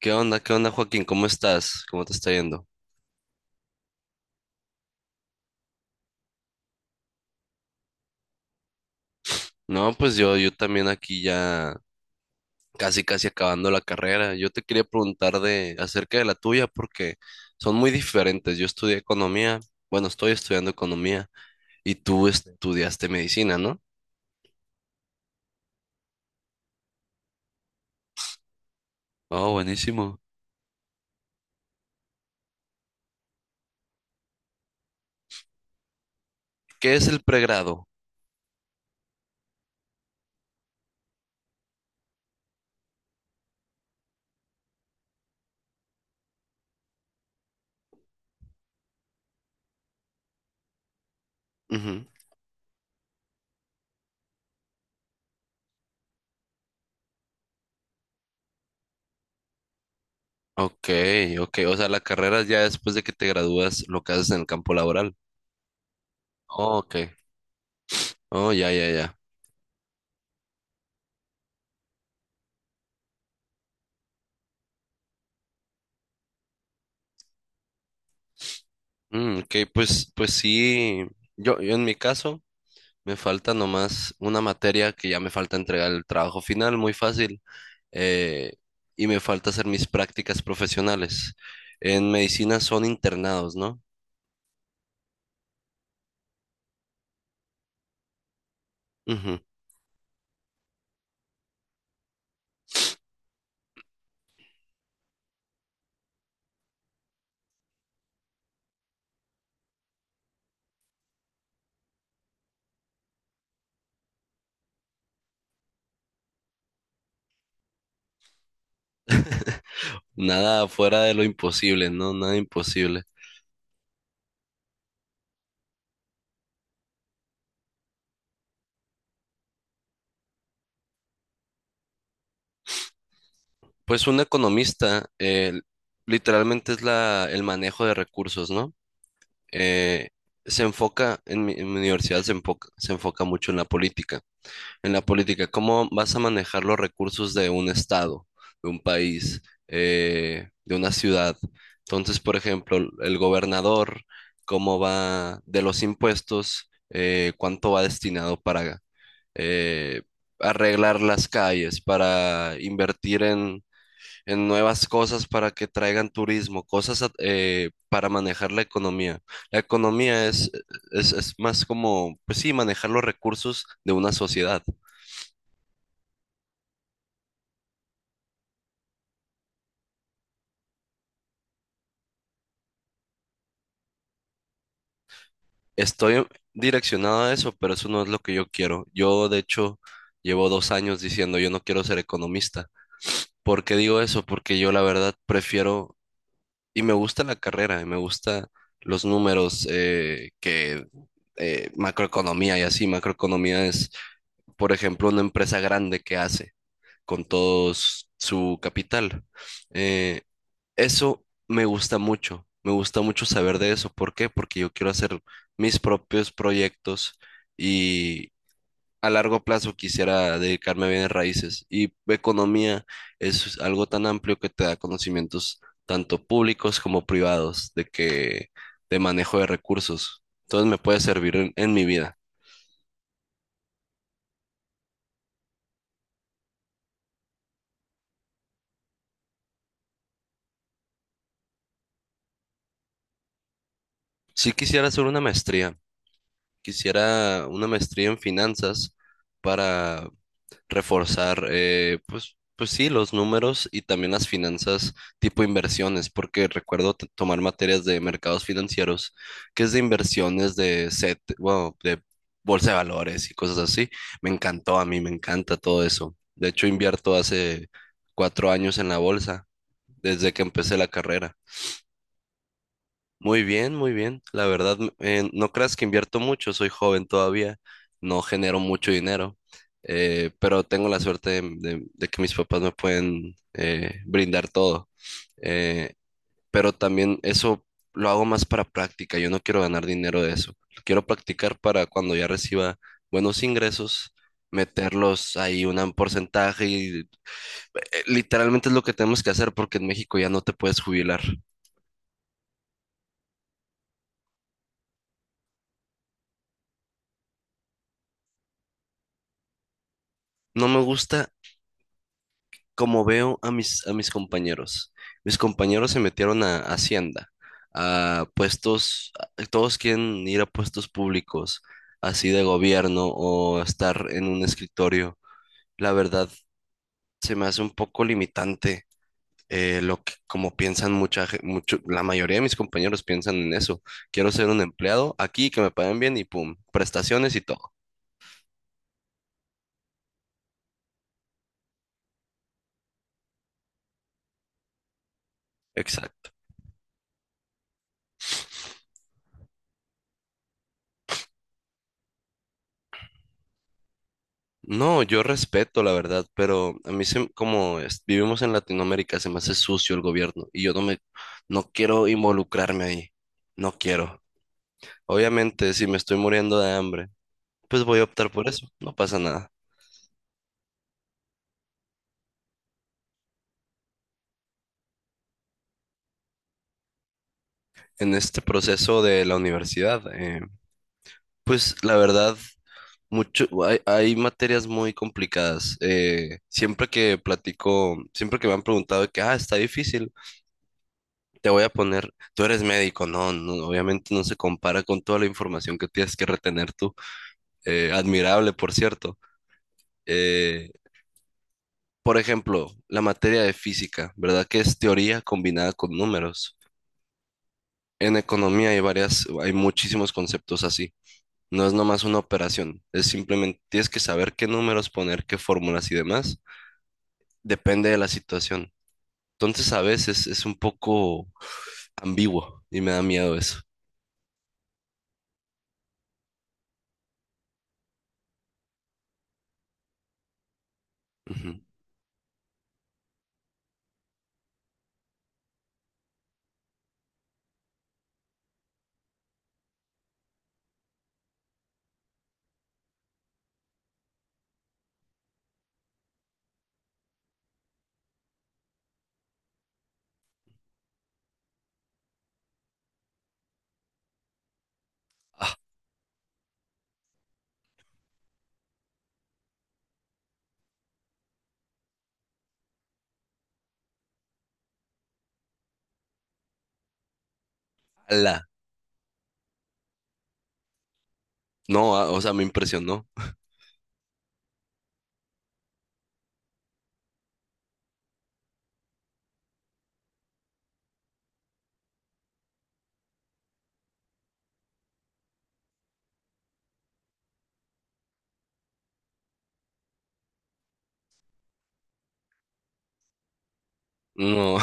¿Qué onda? ¿Qué onda, Joaquín? ¿Cómo estás? ¿Cómo te está yendo? No, pues yo también aquí ya casi, casi acabando la carrera. Yo te quería preguntar de acerca de la tuya porque son muy diferentes. Yo estudié economía, bueno, estoy estudiando economía y tú estudiaste medicina, ¿no? Oh, buenísimo. ¿Qué es el pregrado? Ujú. Ok, ok. O sea, la carrera ya después de que te gradúas, lo que haces en el campo laboral. Oh, ok. Oh, ya, ya, ya. Mm, ok, pues, pues sí. Yo en mi caso. Me falta nomás una materia que ya me falta entregar el trabajo final, muy fácil. eh, y me falta hacer mis prácticas profesionales. En medicina son internados, ¿no? Ujú. Nada fuera de lo imposible, ¿no? Nada imposible. Pues un economista literalmente es la, el manejo de recursos, ¿no? Eh, Se enfoca, en mi universidad se enfoca mucho en la política. En la política, ¿cómo vas a manejar los recursos de un estado, de un país, de una ciudad? Entonces, por ejemplo, el gobernador, ¿cómo va de los impuestos? ¿Cuánto va destinado para eh, arreglar las calles, para invertir en nuevas cosas para que traigan turismo, cosas para manejar la economía? La economía es más como, pues sí, manejar los recursos de una sociedad. Estoy direccionado a eso, pero eso no es lo que yo quiero. Yo, de hecho, llevo 2 años diciendo yo no quiero ser economista. ¿Por qué digo eso? Porque yo la verdad prefiero y me gusta la carrera, y me gusta los números que macroeconomía y así. Macroeconomía es, por ejemplo, una empresa grande que hace con todo su capital. Eh, Eso me gusta mucho saber de eso. ¿Por qué? Porque yo quiero hacer mis propios proyectos y a largo plazo quisiera dedicarme a bienes raíces. Y economía es algo tan amplio que te da conocimientos tanto públicos como privados de que de manejo de recursos. Entonces me puede servir en mi vida. Sí quisiera hacer una maestría, quisiera una maestría en finanzas para reforzar, pues, pues sí, los números y también las finanzas tipo inversiones, porque recuerdo tomar materias de mercados financieros, que es de inversiones de set, bueno, de bolsa de valores y cosas así. Me encantó a mí, me encanta todo eso. De hecho, invierto hace 4 años en la bolsa, desde que empecé la carrera. Muy bien, muy bien. La verdad, no creas que invierto mucho, soy joven todavía, no genero mucho dinero, pero tengo la suerte de, de que mis papás me pueden brindar todo. Eh, pero también eso lo hago más para práctica, yo no quiero ganar dinero de eso. Quiero practicar para cuando ya reciba buenos ingresos, meterlos ahí un porcentaje y literalmente es lo que tenemos que hacer porque en México ya no te puedes jubilar. No me gusta como veo a mis compañeros. Mis compañeros se metieron a Hacienda, a puestos, todos quieren ir a puestos públicos, así de gobierno o estar en un escritorio. La verdad, se me hace un poco limitante lo que, como piensan mucha, mucho, la mayoría de mis compañeros piensan en eso. Quiero ser un empleado aquí, que me paguen bien y pum, prestaciones y todo. Exacto. No, yo respeto la verdad, pero a mí se, como vivimos en Latinoamérica se me hace sucio el gobierno y yo no me, no quiero involucrarme ahí, no quiero. Obviamente, si me estoy muriendo de hambre, pues voy a optar por eso, no pasa nada. En este proceso de la universidad, pues la verdad, mucho, hay materias muy complicadas. Siempre que platico, siempre que me han preguntado de que, ah, está difícil. Te voy a poner, tú eres médico, no, no, obviamente no se compara con toda la información que tienes que retener tú. Admirable, por cierto. Eh, por ejemplo, la materia de física, ¿verdad? Que es teoría combinada con números. En economía hay varias, hay muchísimos conceptos así. No es nomás una operación, es simplemente tienes que saber qué números poner, qué fórmulas y demás. Depende de la situación. Entonces a veces es un poco ambiguo y me da miedo eso. Ujú. Ah, ala. No, ah, o sea, me impresionó. No,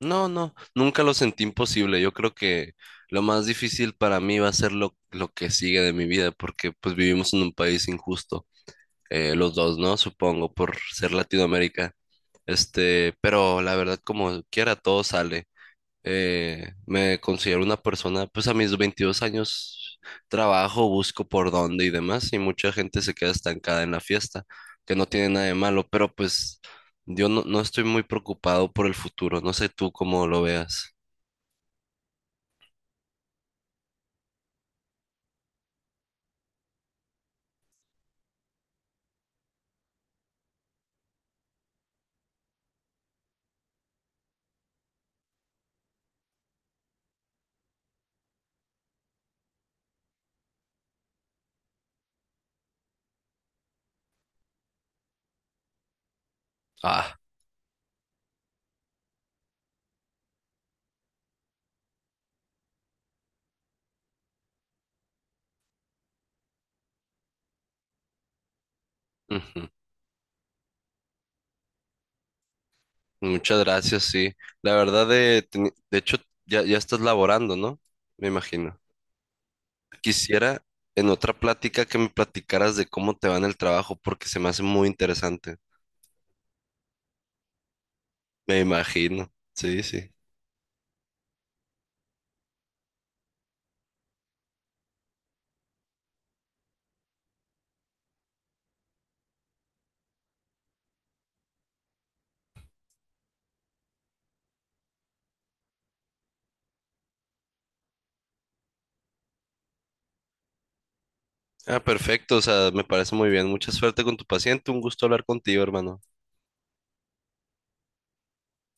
no, no, nunca lo sentí imposible. Yo creo que lo más difícil para mí va a ser lo que sigue de mi vida, porque pues vivimos en un país injusto, los dos, ¿no? Supongo, por ser Latinoamérica. Este, pero la verdad, como quiera, todo sale. Me considero una persona, pues a mis 22 años trabajo, busco por dónde y demás, y mucha gente se queda estancada en la fiesta, que no tiene nada de malo, pero pues yo no, no estoy muy preocupado por el futuro, no sé tú cómo lo veas. Ah, ujú. Muchas gracias, sí. La verdad, de, de hecho, ya, ya estás laborando, ¿no? Me imagino. Quisiera en otra plática que me platicaras de cómo te va en el trabajo, porque se me hace muy interesante. Me imagino. Sí, sí. Ah, perfecto, o sea, me parece muy bien. Mucha suerte con tu paciente. Un gusto hablar contigo, hermano.